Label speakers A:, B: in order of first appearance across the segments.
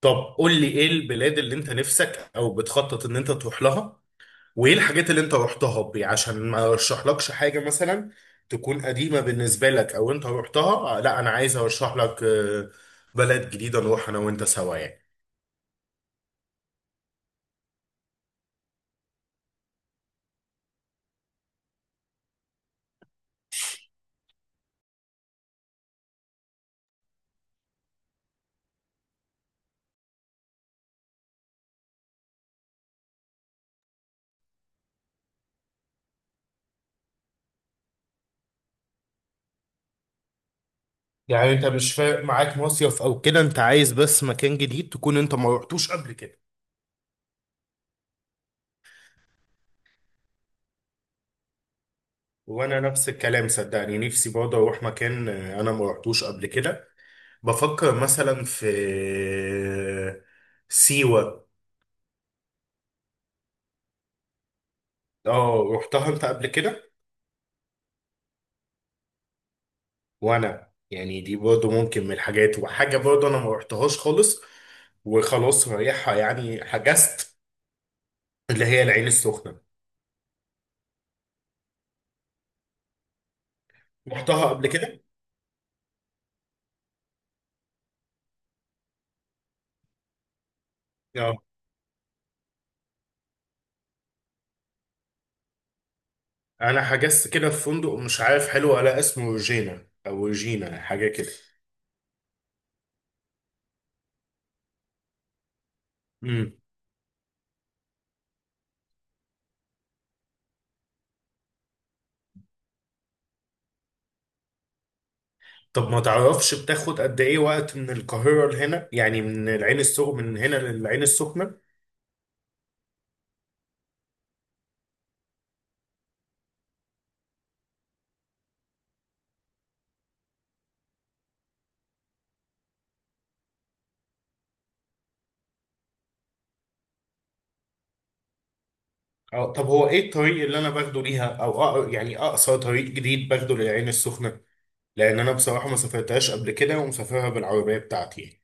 A: طب قول لي ايه البلاد اللي انت نفسك او بتخطط ان انت تروح لها، وايه الحاجات اللي انت رحتها بي عشان ما ارشحلكش حاجة مثلا تكون قديمة بالنسبة لك او انت رحتها. لا، انا عايز ارشح لك بلد جديدة نروح انا وانت سوا يعني. يعني انت مش فارق معاك مصيف او كده، انت عايز بس مكان جديد تكون انت ما رحتوش قبل كده؟ وانا نفس الكلام صدقني، نفسي برضه اروح مكان انا ما رحتوش قبل كده. بفكر مثلا في آه، سيوة. اه، رحتها انت قبل كده؟ وانا يعني دي برضه ممكن من الحاجات، وحاجه برضه انا ما رحتهاش خالص وخلاص رايحها يعني حجزت، اللي هي العين السخنه. رحتها قبل كده؟ اه، انا حجزت كده في فندق مش عارف حلو، ولا اسمه روجينا او روجينا حاجه كده. امم طب ما تعرفش بتاخد قد ايه وقت من القاهره لهنا، يعني من العين السخنه، من هنا للعين السخنه؟ اه، طب هو ايه الطريق اللي انا باخده ليها، او يعني اقصر طريق جديد باخده للعين السخنه؟ لان انا بصراحه ما سافرتهاش قبل كده ومسافرها بالعربيه بتاعتي يعني.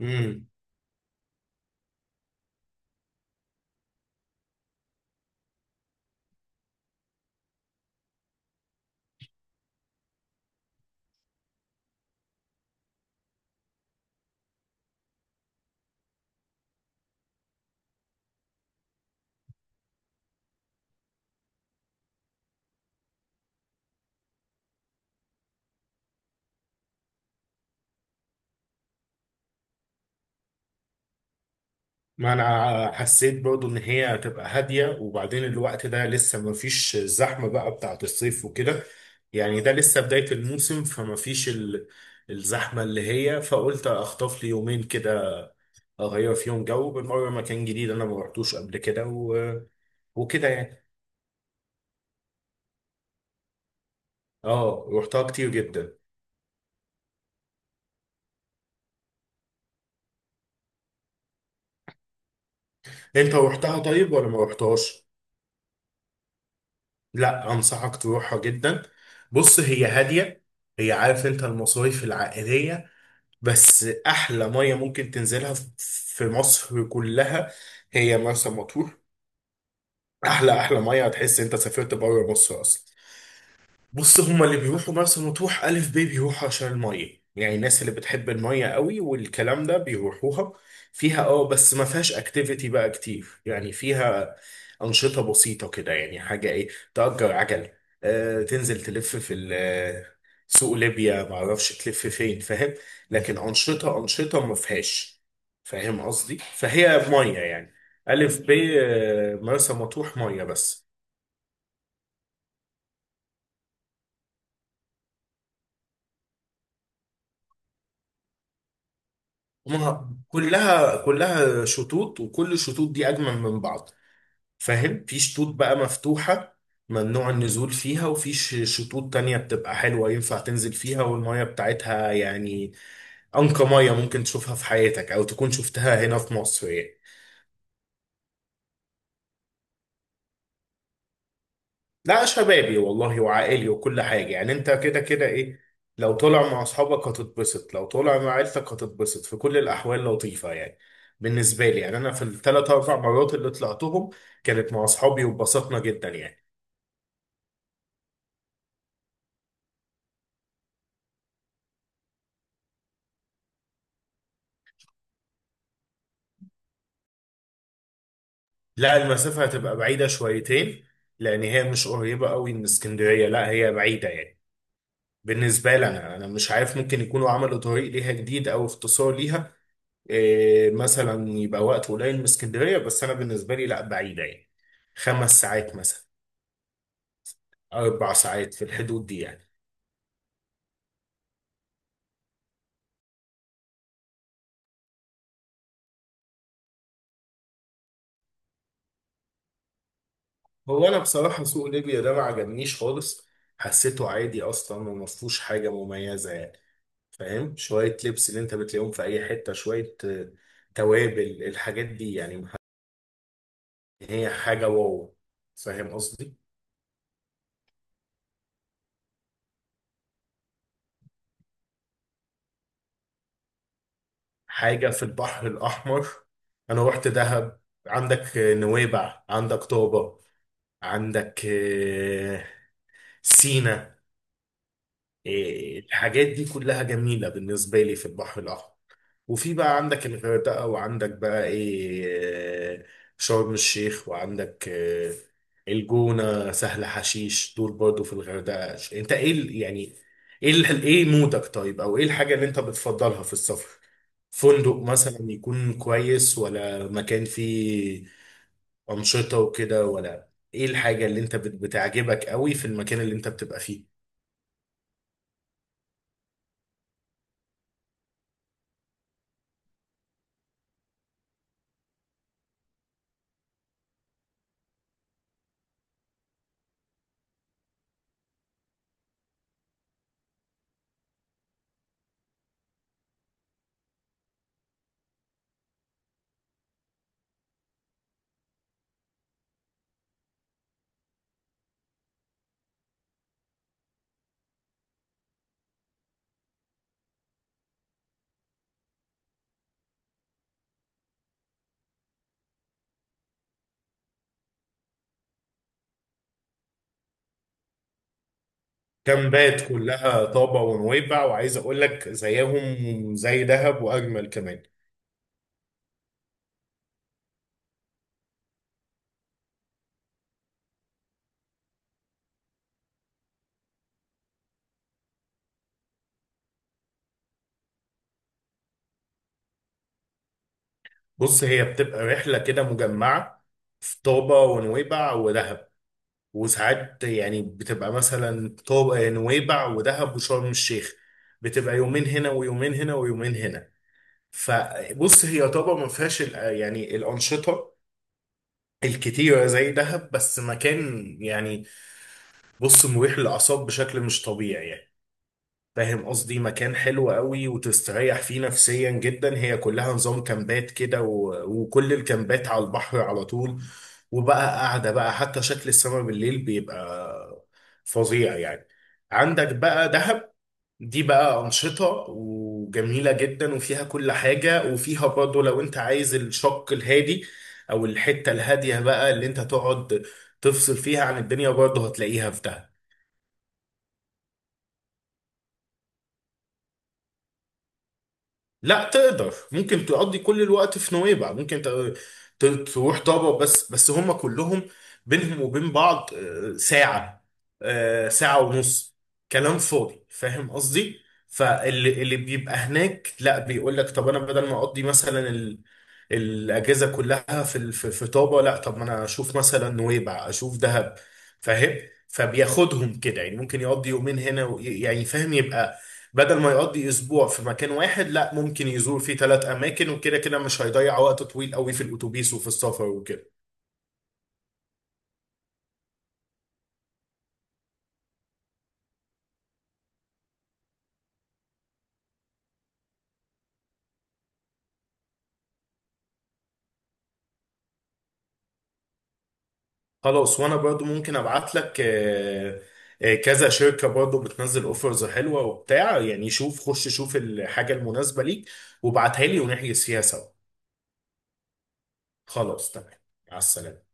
A: امم ما انا حسيت برضو ان هي هتبقى هاديه، وبعدين الوقت ده لسه ما فيش الزحمه بقى بتاعت الصيف وكده. يعني ده لسه بدايه الموسم، فما فيش الزحمه اللي هي، فقلت اخطف لي يومين كده، اغير فيهم جو بالمره، مكان جديد انا ما رحتوش قبل كده وكده يعني. اه، رحتها كتير جدا. انت رحتها طيب ولا ما رحتهاش؟ لا، انصحك تروحها جدا. بص هي هاديه، هي عارف انت المصايف العائليه، بس احلى ميه ممكن تنزلها في مصر كلها هي مرسى مطروح، احلى احلى ميه، هتحس انت سافرت بره مصر اصلا. بص هما اللي بيروحوا مرسى مطروح ألف بيه بيروحوا عشان المية، يعني الناس اللي بتحب المية قوي والكلام ده بيروحوها فيها. اه بس ما فيهاش اكتيفيتي بقى كتير، يعني فيها أنشطة بسيطة كده، يعني حاجة ايه؟ تأجر عجل، تنزل تلف في سوق ليبيا، معرفش تلف فين، فاهم. لكن أنشطة أنشطة ما فيهاش، فاهم قصدي؟ فهي مية يعني، ألف ب مرسى مطروح مية بس. هما كلها كلها شطوط، وكل الشطوط دي اجمل من بعض. فاهم؟ في شطوط بقى مفتوحة ممنوع النزول فيها، وفي شطوط تانية بتبقى حلوة ينفع تنزل فيها، والمية بتاعتها يعني أنقى مية ممكن تشوفها في حياتك، أو تكون شفتها هنا في مصر يعني. لا، شبابي والله وعائلي وكل حاجة، يعني انت كده كده ايه. لو طلع مع اصحابك هتتبسط، لو طلع مع عيلتك هتتبسط، في كل الاحوال لطيفة يعني. بالنسبة لي يعني انا في الثلاث اربع مرات اللي طلعتهم، كانت مع اصحابي واتبسطنا جدا يعني. لا، المسافة هتبقى بعيدة شويتين، لان هي مش قريبة قوي من اسكندرية، لا هي بعيدة يعني. بالنسبة لي انا مش عارف، ممكن يكونوا عملوا طريق ليها جديد او اختصار ليها، إيه مثلا، يبقى وقت قليل من اسكندرية. بس أنا بالنسبة لي لا، بعيدة يعني. 5 ساعات مثلا، 4 ساعات في الحدود دي يعني. هو أنا بصراحة سوق ليبيا ده ما عجبنيش خالص، حسيته عادي أصلا وما فيهوش حاجة مميزة يعني. فاهم؟ شوية لبس اللي أنت بتلاقيهم في أي حتة، شوية توابل، الحاجات دي يعني ما هي حاجة واو. فاهم قصدي؟ حاجة في البحر الأحمر؟ أنا رحت دهب، عندك نويبع، عندك طابة، عندك سينا. الحاجات دي كلها جميلة بالنسبة لي في البحر الأحمر. وفي بقى عندك الغردقة، وعندك بقى إيه، آه، شرم الشيخ، وعندك الجونة سهل حشيش، دول برضو في الغردقة. أنت إيه يعني إيه إيه مودك طيب؟ أو إيه الحاجة اللي أنت بتفضلها في السفر؟ فندق مثلا يكون كويس، ولا مكان فيه أنشطة وكده، ولا إيه الحاجة اللي أنت بتعجبك قوي في المكان اللي أنت بتبقى فيه؟ كامبات كلها طابة ونويبع، وعايز أقول لك زيهم زي دهب، وأجمل كمان. بص هي بتبقى رحلة كده مجمعة في طابة ونويبع ودهب، وساعات يعني بتبقى مثلا طابة نويبع ودهب وشرم الشيخ، بتبقى يومين هنا ويومين هنا ويومين هنا. فبص هي طابة ما فيهاش يعني الأنشطة الكتيرة زي دهب، بس مكان يعني، بص مريح للأعصاب بشكل مش طبيعي يعني. فاهم قصدي؟ مكان حلو قوي وتستريح فيه نفسيا جدا. هي كلها نظام كامبات كده وكل الكامبات على البحر على طول، وبقى قاعدة بقى، حتى شكل السماء بالليل بيبقى فظيع يعني. عندك بقى دهب، دي بقى أنشطة وجميلة جدا وفيها كل حاجة، وفيها برضه لو أنت عايز الشق الهادي، أو الحتة الهادية بقى اللي أنت تقعد تفصل فيها عن الدنيا، برضه هتلاقيها في دهب. لا، تقدر. ممكن تقضي كل الوقت في نويبع، ممكن تروح طابا، بس بس هم كلهم بينهم وبين بعض ساعة، ساعة ونص، كلام فاضي. فاهم قصدي؟ فاللي بيبقى هناك لا، بيقول لك طب انا بدل ما اقضي مثلا الاجازة كلها في في طابا، لا، طب ما انا اشوف مثلا نويبع، اشوف دهب. فاهم؟ فبياخدهم كده يعني، ممكن يقضي يومين هنا يعني فاهم، يبقى بدل ما يقضي اسبوع في مكان واحد، لا، ممكن يزور فيه 3 اماكن، وكده كده مش هيضيع وقت طويل قوي في الاتوبيس وفي السفر وكده. خلاص، وانا برضو ممكن ابعت لك كذا شركة برضو بتنزل اوفرز حلوة وبتاع يعني. شوف خش شوف الحاجة المناسبة ليك، وابعتها لي، ونحجز فيها سوا. خلاص تمام، مع السلامة.